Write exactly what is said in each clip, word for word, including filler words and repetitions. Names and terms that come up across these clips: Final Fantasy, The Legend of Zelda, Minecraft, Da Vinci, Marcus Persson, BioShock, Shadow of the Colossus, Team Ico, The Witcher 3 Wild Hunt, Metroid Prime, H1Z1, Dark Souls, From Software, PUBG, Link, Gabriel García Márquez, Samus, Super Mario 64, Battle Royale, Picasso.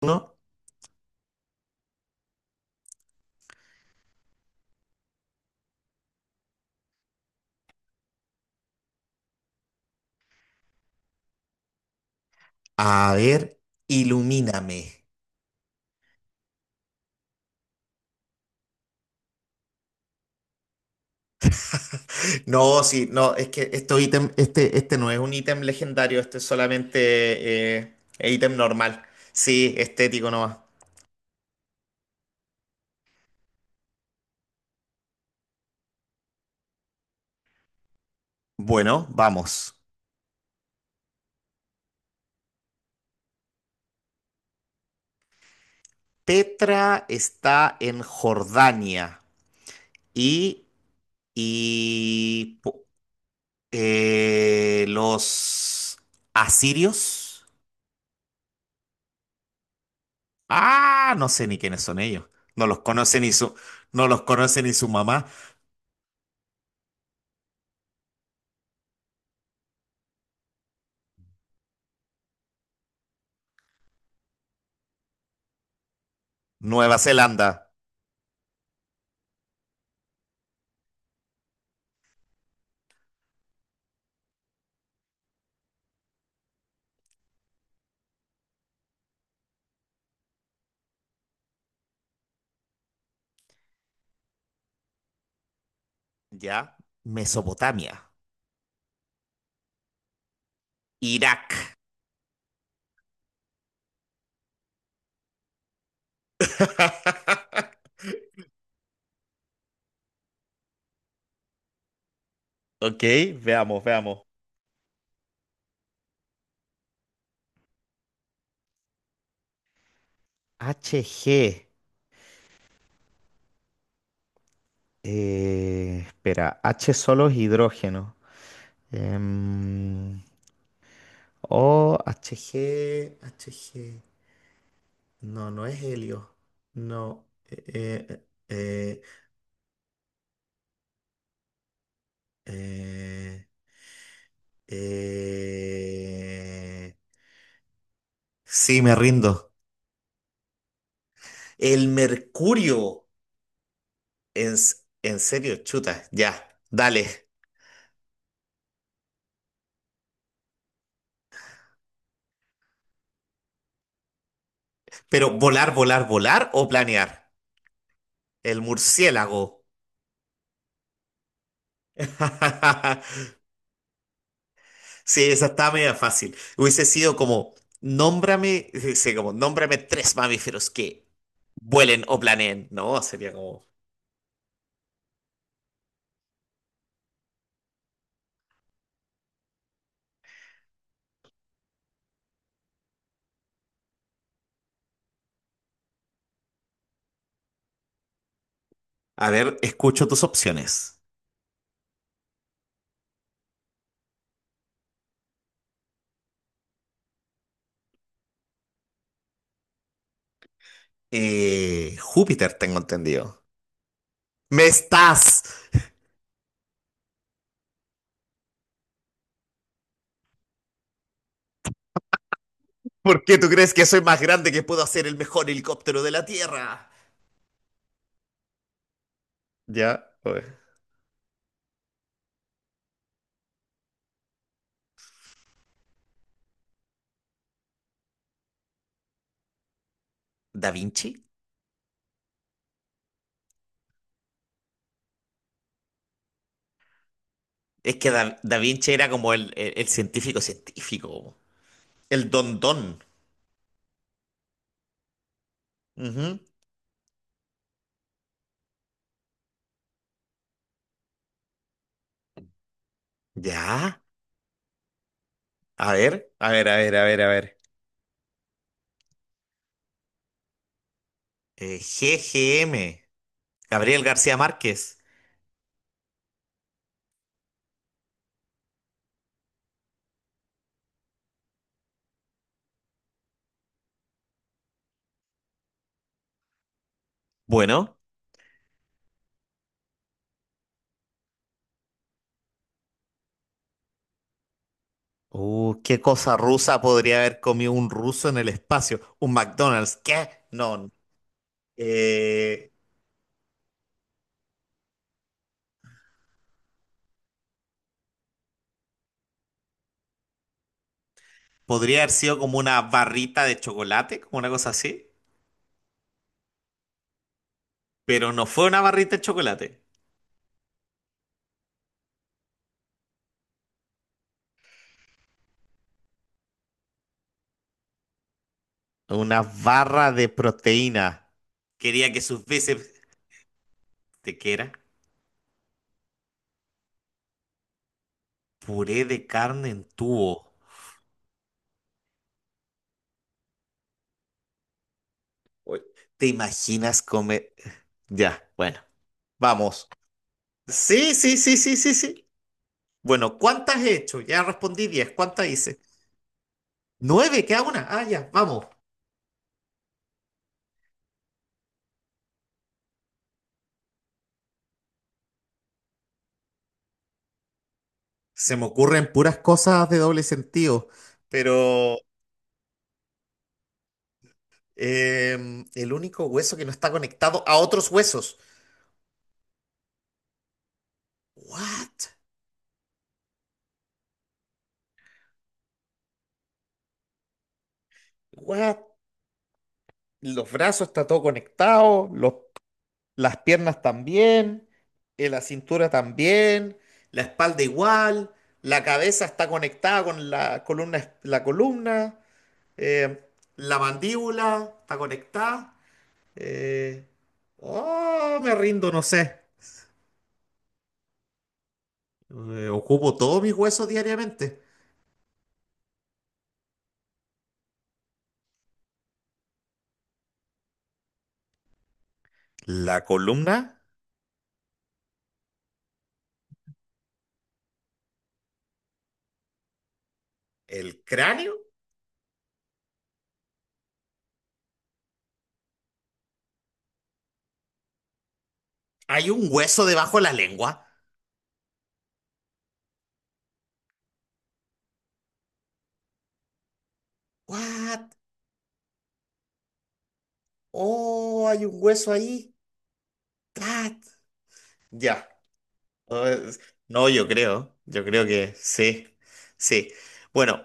Uno. A ver, ilumíname. No, sí, no, es que esto ítem, este, este no es un ítem legendario, este es solamente eh, ítem normal. Sí, estético nomás. Bueno, vamos. Petra está en Jordania y, y po- eh, los asirios. Ah, no sé ni quiénes son ellos. No los conoce ni su, no los conoce ni su mamá. Nueva Zelanda. ¿Ya? Mesopotamia. Irak. Ok, veamos, veamos. H G. Eh, espera, H solo es hidrógeno. Em, o H G, H G. No, no es helio. No. Eh, eh, eh, eh, eh, Sí, me rindo. El mercurio. En, s- en serio, chuta. Ya, dale. Pero volar, volar, volar o planear. El murciélago. Sí, esa estaba media fácil. Hubiese sido como, nómbrame, sí, sí, como, nómbrame tres mamíferos que vuelen o planeen. No, sería como, a ver, escucho tus opciones. Eh, Júpiter, tengo entendido. ¿Me estás? ¿Por qué tú crees que soy más grande que puedo hacer el mejor helicóptero de la Tierra? Ya, oye. ¿Da Vinci? Es que Da, Da Vinci era como el, el- el científico científico. El don don. Ujú. Ya. A ver, a ver, a ver, a ver, a ver. Eh, G G M, Gabriel García Márquez. Bueno. Uh, ¿qué cosa rusa podría haber comido un ruso en el espacio? ¿Un McDonald's? ¿Qué? No. Eh, Podría haber sido como una barrita de chocolate, como una cosa así. Pero no fue una barrita de chocolate. Una barra de proteína. Quería que sus bíceps... ¿De qué era? Puré de carne en tubo. Oye, ¿te imaginas comer? Ya, bueno, vamos. Sí, sí, sí, sí, sí, sí. Bueno, ¿cuántas he hecho? Ya respondí diez. ¿Cuántas hice? Nueve, queda una. Ah, ya, vamos. Se me ocurren puras cosas de doble sentido, pero em, el único hueso que no está conectado a otros huesos. What? What? Los brazos está todo conectado, los las piernas también, eh, la cintura también, la espalda igual, la cabeza está conectada con la columna, es- la columna, eh, la mandíbula está conectada. eh, oh, me rindo, no sé. Eh, ocupo todos mis huesos diariamente. La columna, el cráneo, hay un hueso debajo de la lengua. What? Oh, hay un hueso ahí. Tat. Ya. Pues, no, yo creo, yo creo que sí, sí. Bueno,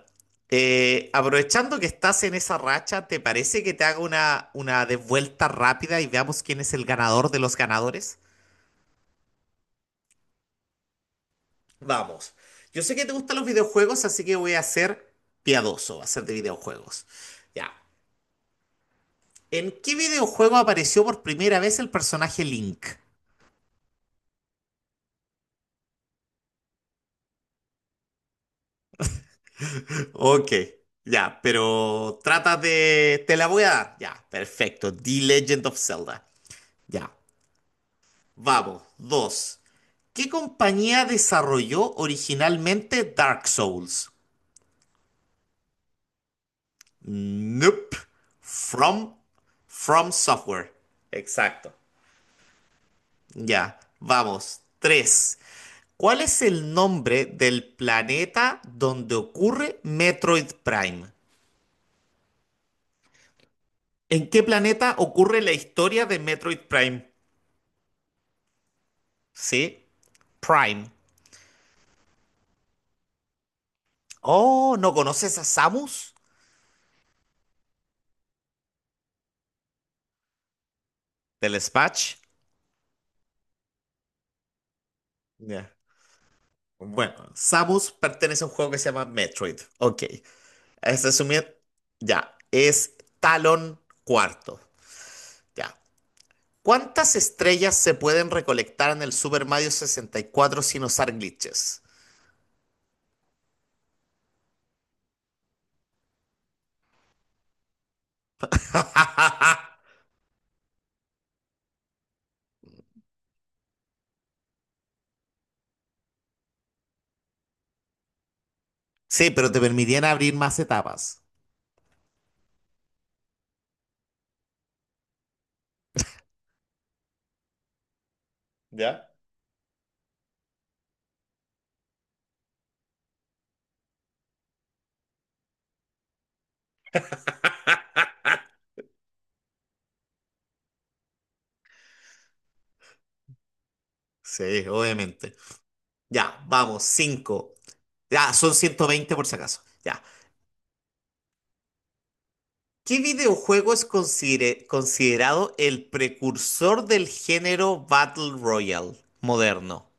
eh, aprovechando que estás en esa racha, ¿te parece que te haga una, una devuelta rápida y veamos quién es el ganador de los ganadores? Vamos, yo sé que te gustan los videojuegos, así que voy a ser piadoso, va a ser de videojuegos. Ya, ¿en qué videojuego apareció por primera vez el personaje Link? Ok, ya, pero trata de... Te la voy a dar. Ya, perfecto. The Legend of Zelda. Ya. Vamos, dos. ¿Qué compañía desarrolló originalmente Dark Souls? Nope. From, From Software. Exacto. Ya, vamos. Tres. ¿Cuál es el nombre del planeta donde ocurre Metroid Prime? ¿En qué planeta ocurre la historia de Metroid Prime? Sí, Prime. Oh, ¿no conoces a Samus? Del Smash. Ya. Bueno, Samus pertenece a un juego que se llama Metroid. Ok. Es resumir, ya, es Talon cuarto. Ya. ¿Cuántas estrellas se pueden recolectar en el Super Mario sesenta y cuatro sin usar glitches? Sí, pero te permitían abrir más etapas. ¿Ya? Sí, obviamente. Ya, vamos, cinco. Ya, son ciento veinte por si acaso. Ya. ¿Qué videojuego es considere- considerado el precursor del género Battle Royale moderno?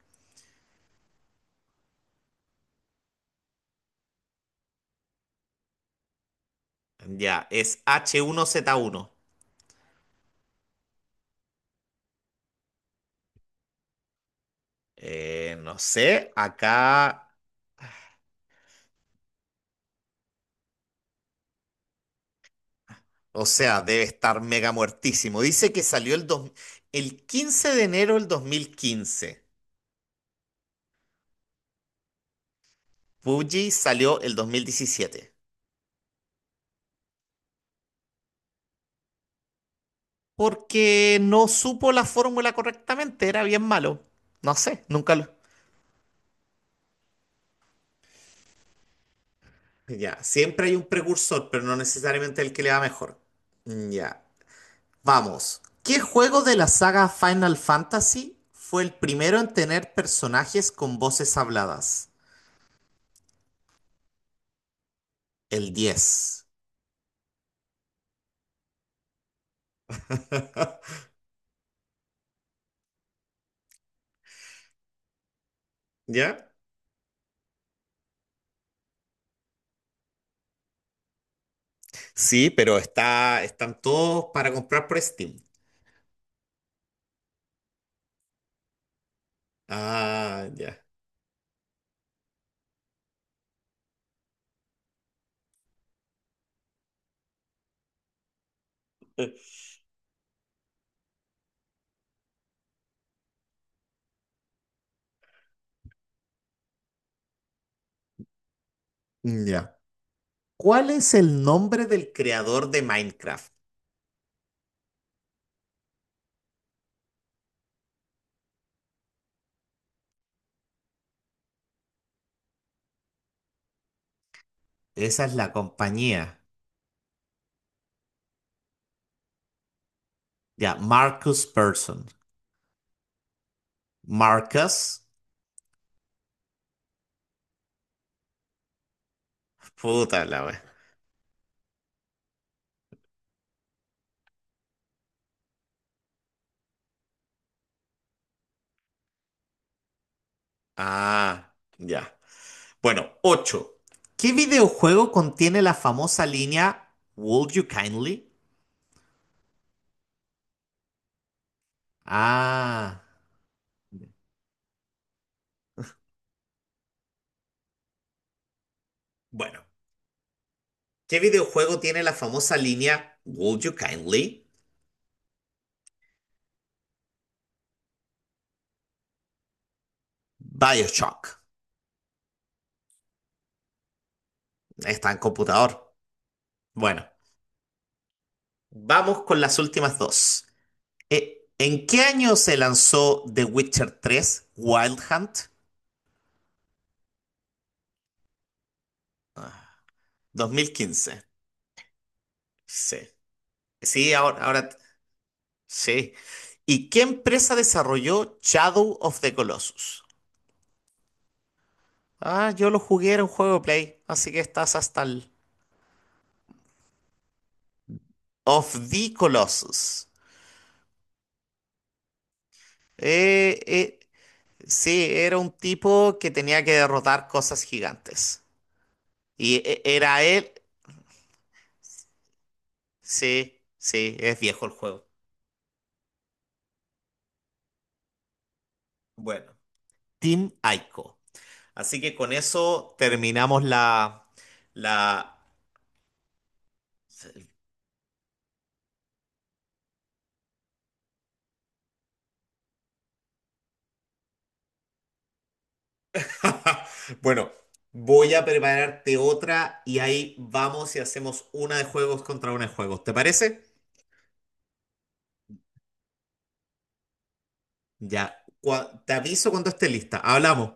Ya, es H uno Z uno. Eh, no sé, acá, o sea, debe estar mega muertísimo. Dice que salió el, dos- el quince de enero del dos mil quince. P U B G salió el dos mil diecisiete. Porque no supo la fórmula correctamente, era bien malo. No sé, nunca lo... Ya, siempre hay un precursor, pero no necesariamente el que le va mejor. Mm, ya, vamos. ¿Qué juego de la saga Final Fantasy fue el primero en tener personajes con voces habladas? El diez. ¿Ya? Sí, pero está, están todos para comprar por Steam. Ah, ya. Mm, ya. ¿Cuál es el nombre del creador de Minecraft? Esa es la compañía. Ya, Marcus Person. Marcus. Puta la wea. Ah, ya. Bueno, ocho. ¿Qué videojuego contiene la famosa línea Would you kindly? Ah, bueno. ¿Qué videojuego tiene la famosa línea Would you kindly? BioShock. Está en computador. Bueno, vamos con las últimas dos. Eh, ¿en qué año se lanzó The Witcher tres Wild Hunt? Ah, dos mil quince. Sí. Sí, ahora, ahora sí. ¿Y qué empresa desarrolló Shadow of the Colossus? Ah, yo lo jugué, era un juego de Play, así que estás hasta el... Of the Colossus. Eh, eh, sí, era un tipo que tenía que derrotar cosas gigantes. Y e- era él... Sí, sí, es viejo el juego. Bueno, Team Ico. Así que con eso terminamos la... la... Bueno, voy a prepararte otra y ahí vamos y hacemos una de juegos contra una de juegos. ¿Te parece? Ya, cua- te aviso cuando esté lista. Hablamos.